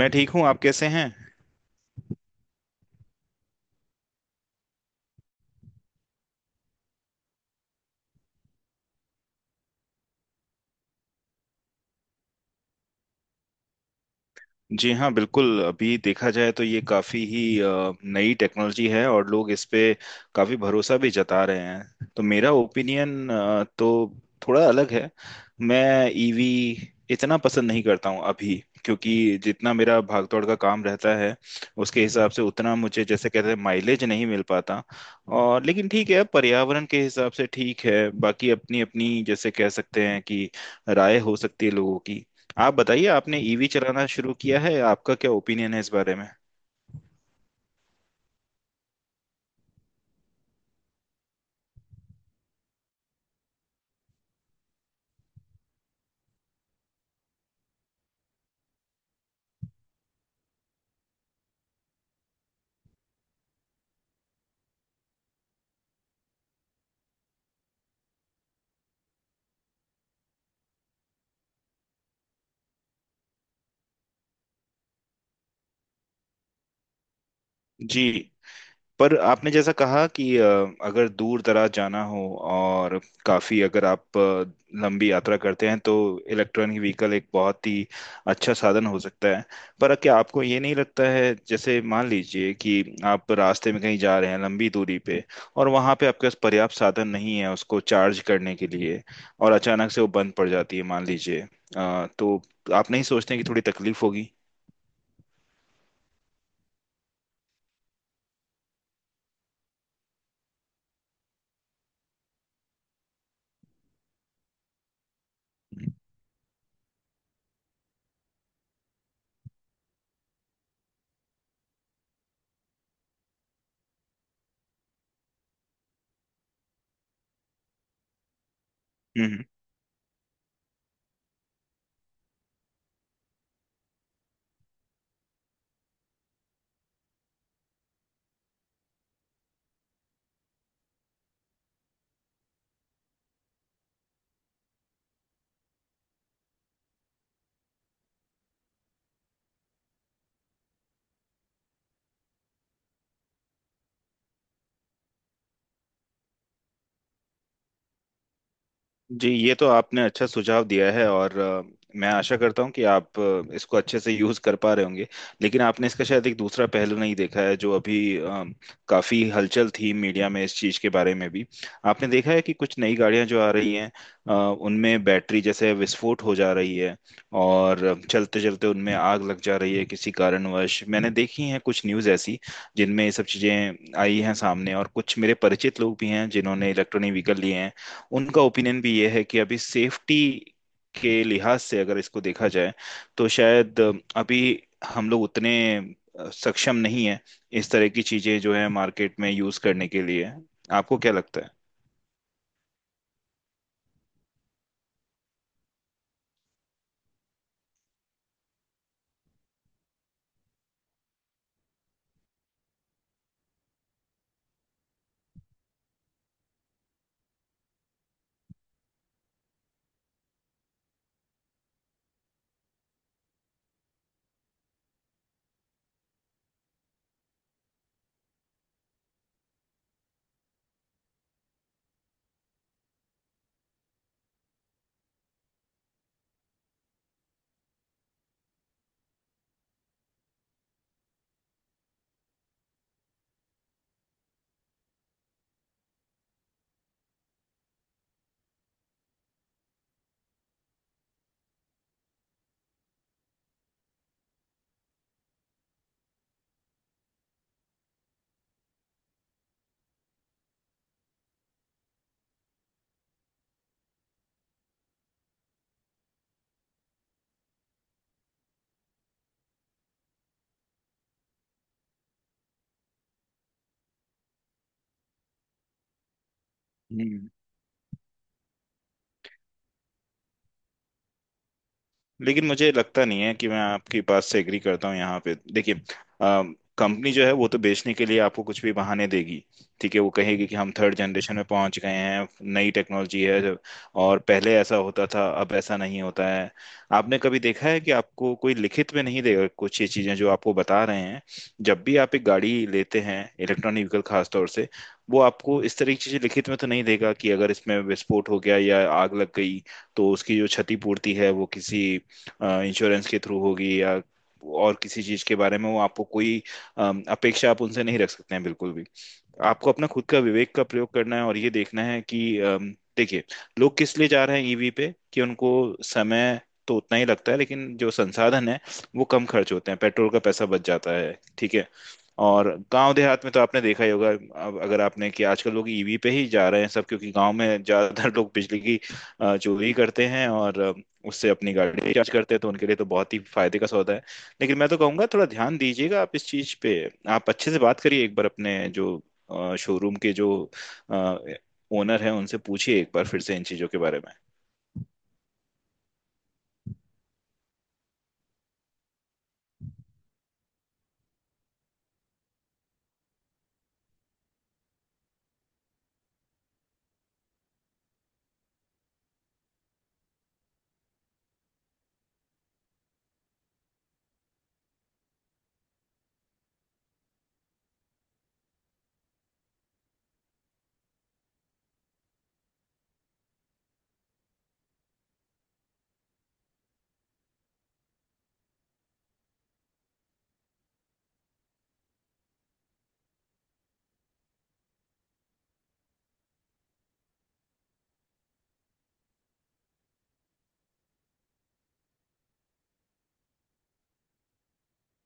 मैं ठीक हूँ। आप कैसे हैं? जी हाँ, बिल्कुल। अभी देखा जाए तो ये काफ़ी ही नई टेक्नोलॉजी है और लोग इस पे काफ़ी भरोसा भी जता रहे हैं। तो मेरा ओपिनियन तो थोड़ा अलग है। मैं ईवी इतना पसंद नहीं करता हूँ अभी, क्योंकि जितना मेरा भागदौड़ का काम रहता है, उसके हिसाब से उतना मुझे, जैसे कहते हैं, माइलेज नहीं मिल पाता। और लेकिन ठीक है, पर्यावरण के हिसाब से ठीक है। बाकी अपनी अपनी, जैसे कह सकते हैं कि, राय हो सकती है लोगों की। आप बताइए, आपने ईवी चलाना शुरू किया है, आपका क्या ओपिनियन है इस बारे में? जी, पर आपने जैसा कहा कि अगर दूर दराज जाना हो और काफ़ी, अगर आप लंबी यात्रा करते हैं, तो इलेक्ट्रॉनिक व्हीकल एक बहुत ही अच्छा साधन हो सकता है। पर क्या आपको ये नहीं लगता है, जैसे मान लीजिए कि आप रास्ते में कहीं जा रहे हैं लंबी दूरी पे, और वहाँ पे आपके पास पर्याप्त साधन नहीं है उसको चार्ज करने के लिए, और अचानक से वो बंद पड़ जाती है मान लीजिए, तो आप नहीं सोचते कि थोड़ी तकलीफ होगी? हम्म। हम्म। जी, ये तो आपने अच्छा सुझाव दिया है। और मैं आशा करता हूँ कि आप इसको अच्छे से यूज कर पा रहे होंगे। लेकिन आपने इसका शायद एक दूसरा पहलू नहीं देखा है। जो अभी काफी हलचल थी मीडिया में इस चीज के बारे में भी, आपने देखा है कि कुछ नई गाड़ियां जो आ रही हैं, अ, उनमें बैटरी जैसे विस्फोट हो जा रही है और चलते चलते उनमें आग लग जा रही है किसी कारणवश। मैंने देखी हैं कुछ न्यूज़ ऐसी जिनमें ये सब चीजें आई हैं सामने, और कुछ मेरे परिचित लोग भी हैं जिन्होंने इलेक्ट्रॉनिक व्हीकल लिए हैं। उनका ओपिनियन भी ये है कि अभी सेफ्टी के लिहाज से अगर इसको देखा जाए, तो शायद अभी हम लोग उतने सक्षम नहीं है इस तरह की चीजें जो है मार्केट में यूज करने के लिए। आपको क्या लगता है? लेकिन मुझे लगता नहीं है कि मैं आपकी बात से एग्री करता हूँ यहाँ पे। देखिए, कंपनी जो है वो तो बेचने के लिए आपको कुछ भी बहाने देगी। ठीक है, वो कहेगी कि हम थर्ड जनरेशन में पहुंच गए हैं, नई टेक्नोलॉजी है, और पहले ऐसा होता था, अब ऐसा नहीं होता है। आपने कभी देखा है कि आपको कोई लिखित में नहीं देगा कुछ ये चीजें जो आपको बता रहे हैं। जब भी आप एक गाड़ी लेते हैं, इलेक्ट्रॉनिक व्हीकल खास तौर से, वो आपको इस तरह की चीजें लिखित में तो नहीं देगा कि अगर इसमें विस्फोट हो गया या आग लग गई तो उसकी जो क्षतिपूर्ति है वो किसी इंश्योरेंस के थ्रू होगी, या और किसी चीज के बारे में वो आपको कोई अपेक्षा आप उनसे नहीं रख सकते हैं बिल्कुल भी। आपको अपना खुद का विवेक का प्रयोग करना है, और ये देखना है कि देखिए, लोग किस लिए जा रहे हैं ईवी पे? कि उनको समय तो उतना ही लगता है, लेकिन जो संसाधन है वो कम खर्च होते हैं, पेट्रोल का पैसा बच जाता है। ठीक है, और गांव देहात में तो आपने देखा ही होगा, अब अगर आपने, कि आजकल लोग ईवी पे ही जा रहे हैं सब, क्योंकि गांव में ज्यादातर लोग बिजली की चोरी करते हैं और उससे अपनी गाड़ी रिचार्ज करते हैं। तो उनके लिए तो बहुत ही फायदे का सौदा है। लेकिन मैं तो कहूंगा, थोड़ा ध्यान दीजिएगा आप इस चीज पे। आप अच्छे से बात करिए एक बार, अपने जो शोरूम के जो ओनर हैं उनसे पूछिए एक बार फिर से इन चीजों के बारे में।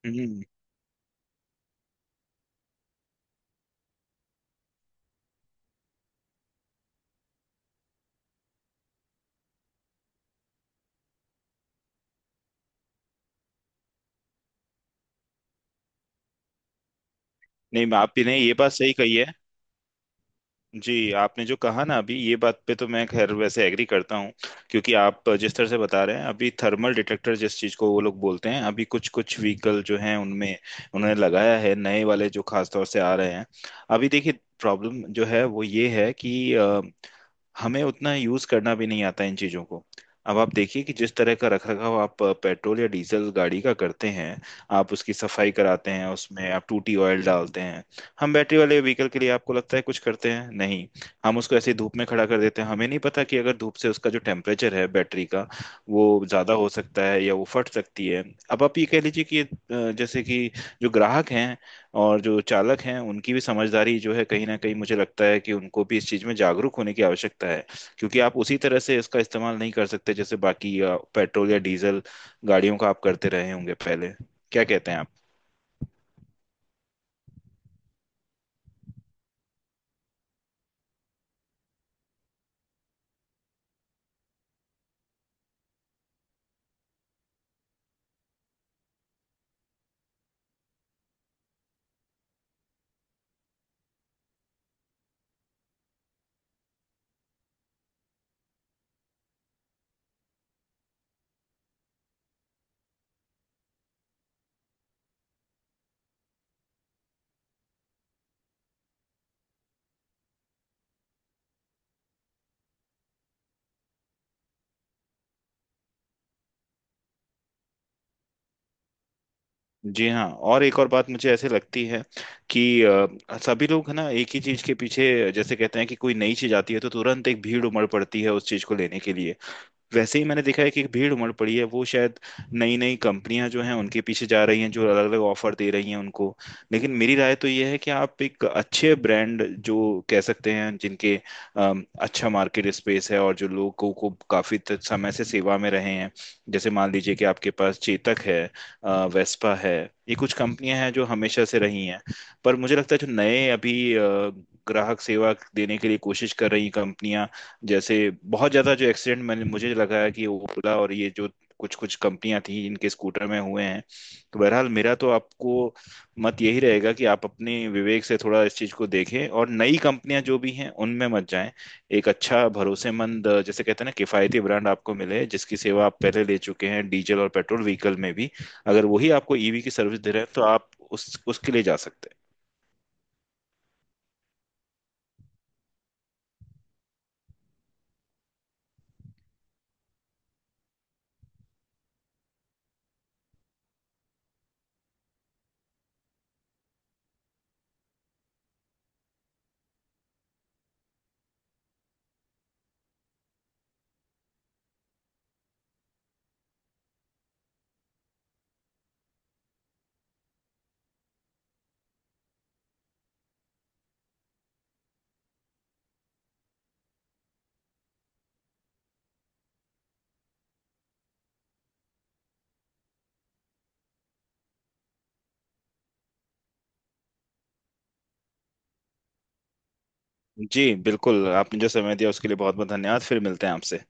हम्म, नहीं, आप भी नहीं, ये बात सही कही है। जी, आपने जो कहा ना अभी, ये बात पे तो मैं खैर वैसे एग्री करता हूँ। क्योंकि आप जिस तरह से बता रहे हैं, अभी थर्मल डिटेक्टर जिस चीज़ को वो लोग बोलते हैं, अभी कुछ कुछ व्हीकल जो हैं उनमें उन्होंने लगाया है, नए वाले जो खास तौर से आ रहे हैं। अभी देखिए, प्रॉब्लम जो है वो ये है कि हमें उतना यूज करना भी नहीं आता इन चीजों को। अब आप देखिए कि जिस तरह का रखरखाव आप पेट्रोल या डीजल गाड़ी का करते हैं, आप उसकी सफाई कराते हैं, उसमें आप टूटी ऑयल डालते हैं। हम बैटरी वाले व्हीकल के लिए आपको लगता है कुछ करते हैं? नहीं। हम उसको ऐसे ही धूप में खड़ा कर देते हैं। हमें नहीं पता कि अगर धूप से उसका जो टेम्परेचर है बैटरी का, वो ज्यादा हो सकता है या वो फट सकती है। अब आप ये कह लीजिए कि ये, जैसे कि जो ग्राहक हैं और जो चालक हैं, उनकी भी समझदारी जो है, कहीं ना कहीं मुझे लगता है कि उनको भी इस चीज़ में जागरूक होने की आवश्यकता है। क्योंकि आप उसी तरह से इसका इस्तेमाल नहीं कर सकते जैसे बाकी पेट्रोल या डीजल गाड़ियों का आप करते रहे होंगे पहले। क्या कहते हैं आप? जी हाँ, और एक और बात मुझे ऐसे लगती है कि सभी लोग है ना एक ही चीज़ के पीछे, जैसे कहते हैं कि कोई नई चीज़ आती है तो तुरंत एक भीड़ उमड़ पड़ती है उस चीज़ को लेने के लिए। वैसे ही मैंने देखा है कि भीड़ उमड़ पड़ी है, वो शायद नई नई कंपनियां जो हैं उनके पीछे जा रही हैं, जो अलग अलग ऑफर दे रही हैं उनको। लेकिन मेरी राय तो ये है कि आप एक अच्छे ब्रांड, जो कह सकते हैं जिनके अच्छा मार्केट स्पेस है और जो लोगों को काफी समय से सेवा में रहे हैं, जैसे मान लीजिए कि आपके पास चेतक है, वेस्पा है, ये कुछ कंपनियां हैं जो हमेशा से रही हैं। पर मुझे लगता है जो नए अभी ग्राहक सेवा देने के लिए कोशिश कर रही कंपनियां, जैसे बहुत ज्यादा जो एक्सीडेंट, मैंने, मुझे लगा है कि ओला और ये जो कुछ कुछ कंपनियां थी, इनके स्कूटर में हुए हैं। तो बहरहाल, मेरा तो आपको मत यही रहेगा कि आप अपने विवेक से थोड़ा इस चीज को देखें, और नई कंपनियां जो भी हैं उनमें मत जाएं। एक अच्छा भरोसेमंद, जैसे कहते हैं ना, किफायती ब्रांड आपको मिले जिसकी सेवा आप पहले ले चुके हैं डीजल और पेट्रोल व्हीकल में भी, अगर वही आपको ईवी की सर्विस दे रहे हैं तो आप उस उसके लिए जा सकते हैं। जी, बिल्कुल। आपने जो समय दिया उसके लिए बहुत बहुत धन्यवाद। फिर मिलते हैं आपसे।